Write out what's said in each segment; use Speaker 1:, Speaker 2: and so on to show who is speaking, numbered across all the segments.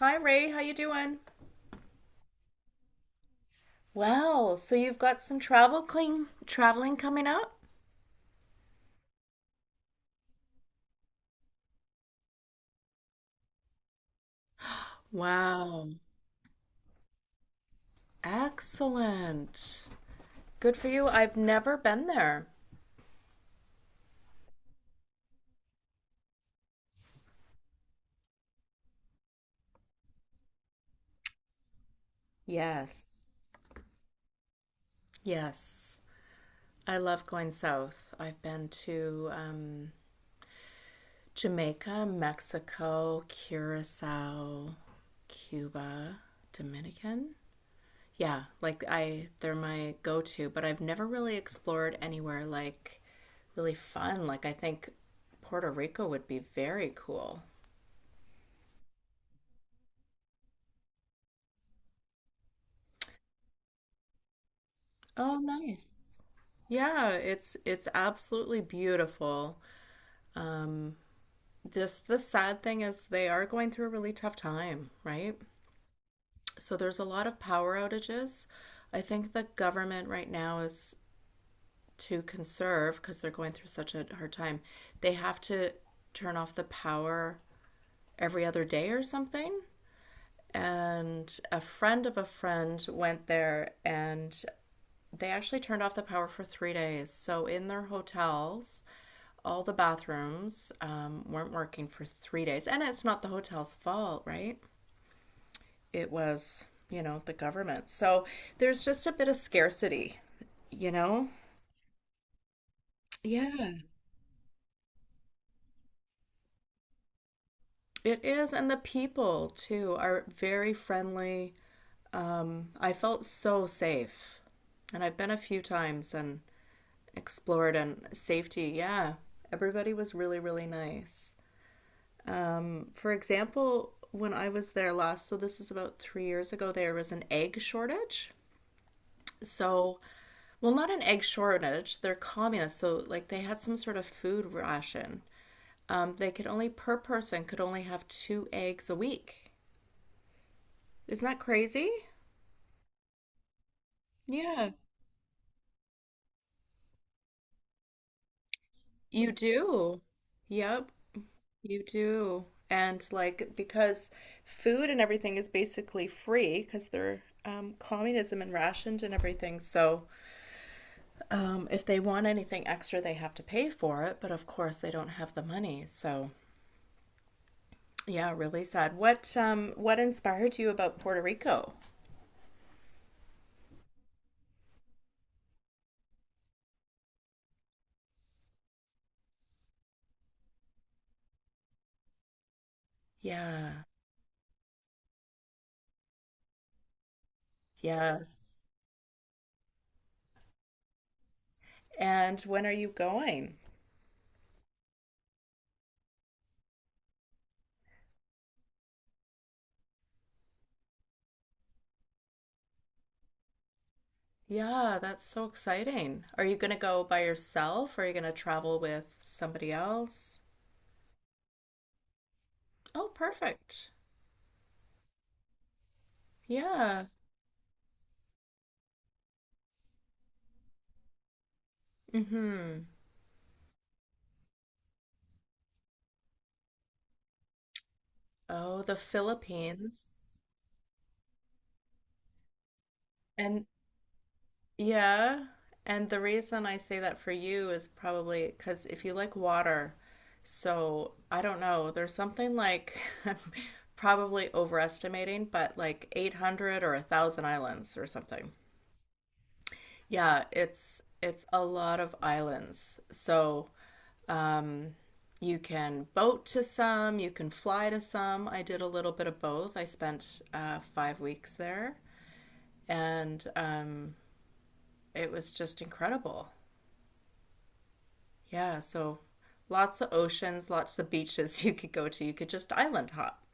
Speaker 1: Hi Ray, how you doing? Well, so you've got some traveling coming up? Wow. Excellent. Good for you. I've never been there. Yes. Yes. I love going south. I've been to Jamaica, Mexico, Curacao, Cuba, Dominican. Yeah, like I they're my go-to, but I've never really explored anywhere like really fun. Like I think Puerto Rico would be very cool. Oh, nice. Yeah, it's absolutely beautiful. Um, just the sad thing is they are going through a really tough time, right? So there's a lot of power outages. I think the government right now is to conserve because they're going through such a hard time. They have to turn off the power every other day or something. And a friend of a friend went there and they actually turned off the power for 3 days. So, in their hotels, all the bathrooms weren't working for 3 days. And it's not the hotel's fault, right? It was, the government. So, there's just a bit of scarcity, you know? Yeah, it is. And the people, too, are very friendly. I felt so safe. And I've been a few times and explored and safety. Yeah, everybody was really, really nice. For example, when I was there last, so this is about 3 years ago, there was an egg shortage. So, well, not an egg shortage, they're communists. So, like, they had some sort of food ration. They could only, per person, could only have two eggs a week. Isn't that crazy? Yeah, you do. Yep, you do. And like because food and everything is basically free because they're communism and rationed and everything. So if they want anything extra, they have to pay for it, but of course they don't have the money. So, yeah, really sad. What inspired you about Puerto Rico? Yeah. Yes. And when are you going? Yeah, that's so exciting. Are you going to go by yourself or are you going to travel with somebody else? Oh, perfect. Yeah. Mm-hmm. Oh, the Philippines. And. Yeah. And the reason I say that for you is probably because if you like water, so I don't know, there's something like I'm probably overestimating, but like 800 or 1,000 islands or something. Yeah, it's a lot of islands. So, um, you can boat to some, you can fly to some. I did a little bit of both. I spent 5 weeks there, and it was just incredible. Yeah, so lots of oceans, lots of beaches you could go to. You could just island hop.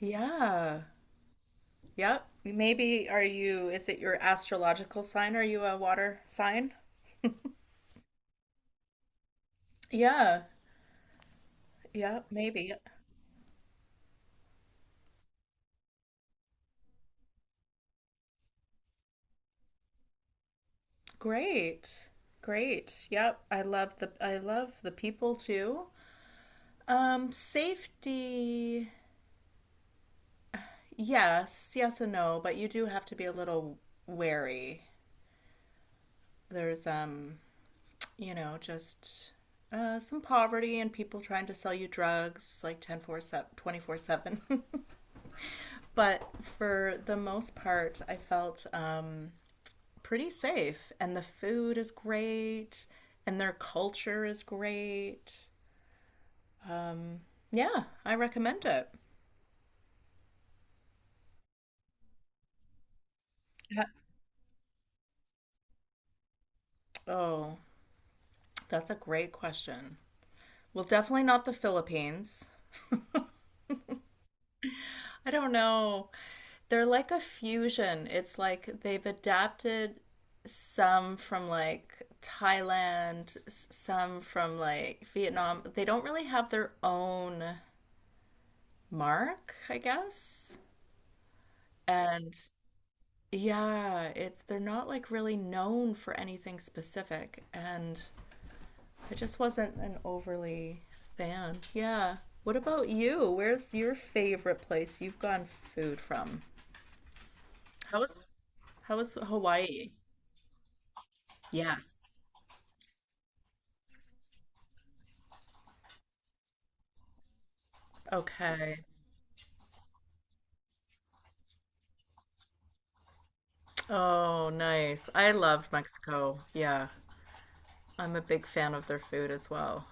Speaker 1: Yeah. Yep. Maybe is it your astrological sign? Are you a water sign? Yeah. Yeah, maybe. Great. Great. Yep. I love the people too. Safety. Yes, yes and no, but you do have to be a little wary. There's you know, just some poverty and people trying to sell you drugs like 10 4 24/7 but for the most part I felt pretty safe and the food is great and their culture is great. Yeah, I recommend it. Yeah. Oh, that's a great question. Well, definitely not the Philippines. I don't know. They're like a fusion. It's like they've adapted some from like Thailand, some from like Vietnam. They don't really have their own mark, I guess. And yeah, it's they're not like really known for anything specific. And I just wasn't an overly fan. Yeah. What about you? Where's your favorite place you've gone food from? How was how was Hawaii? Yes. Okay. Oh, nice. I loved Mexico. Yeah. I'm a big fan of their food as well.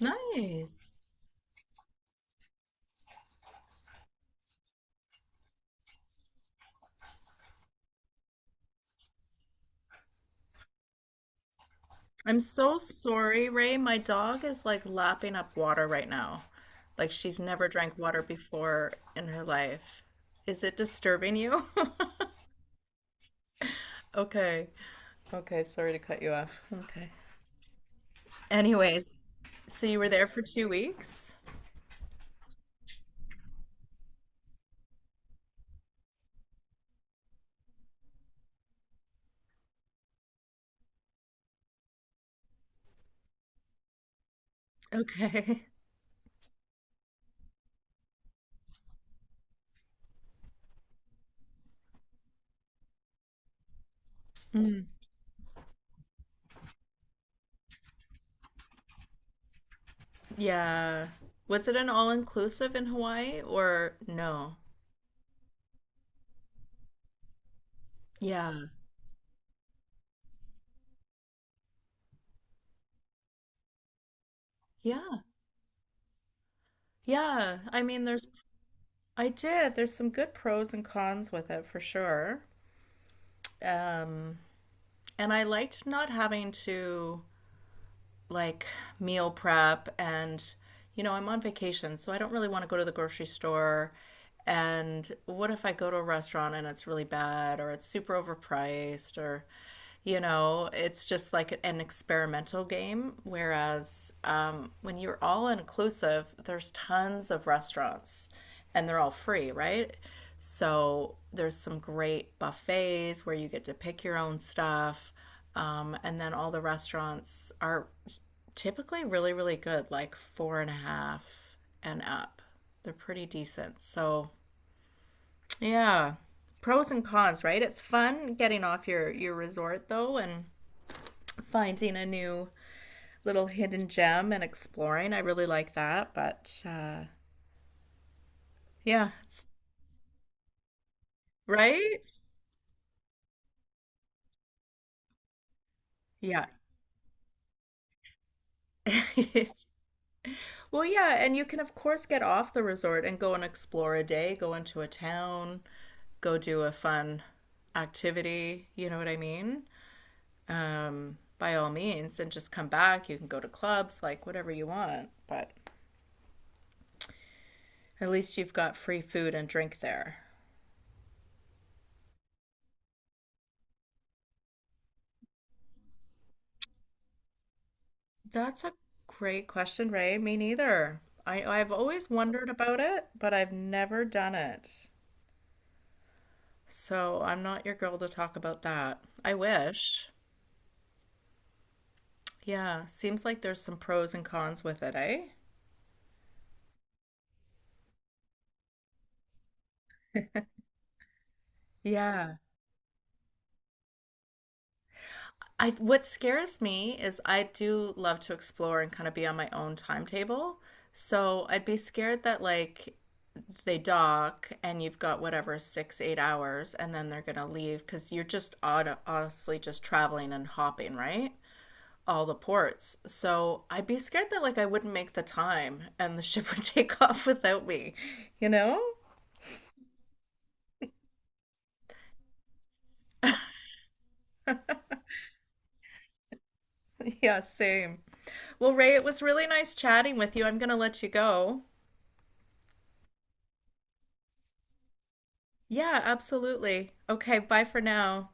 Speaker 1: Nice. I'm so sorry, Ray. My dog is like lapping up water right now. Like she's never drank water before in her life. Is it disturbing you? Okay. Okay. Sorry to cut you off. Okay. Anyways, so you were there for 2 weeks? Okay. Mm. Yeah. Was it an all-inclusive in Hawaii or no? Yeah. Yeah. Yeah. I mean, there's, I did. There's some good pros and cons with it for sure. Um, and I liked not having to like meal prep and you know, I'm on vacation, so I don't really want to go to the grocery store. And what if I go to a restaurant and it's really bad or it's super overpriced or you know, it's just like an experimental game. Whereas when you're all inclusive, there's tons of restaurants and they're all free, right? So there's some great buffets where you get to pick your own stuff. And then all the restaurants are typically really, really good, like four and a half and up. They're pretty decent. So, yeah, pros and cons, right? It's fun getting off your resort though and finding a new little hidden gem and exploring. I really like that. But yeah, it's, right? Yeah. Well, yeah, and you can, of course, get off the resort and go and explore a day, go into a town, go do a fun activity. You know what I mean? By all means, and just come back. You can go to clubs, like whatever you want, but at least you've got free food and drink there. That's a great question, Ray. Me neither. I've always wondered about it, but I've never done it. So I'm not your girl to talk about that. I wish. Yeah, seems like there's some pros and cons with it, eh? Yeah. I what scares me is I do love to explore and kind of be on my own timetable. So I'd be scared that like they dock and you've got whatever six, 8 hours and then they're gonna leave because you're just on, honestly just traveling and hopping, right? All the ports. So I'd be scared that like I wouldn't make the time and the ship would take off without me, you know? Yeah, same. Well, Ray, it was really nice chatting with you. I'm gonna let you go. Yeah, absolutely. Okay, bye for now.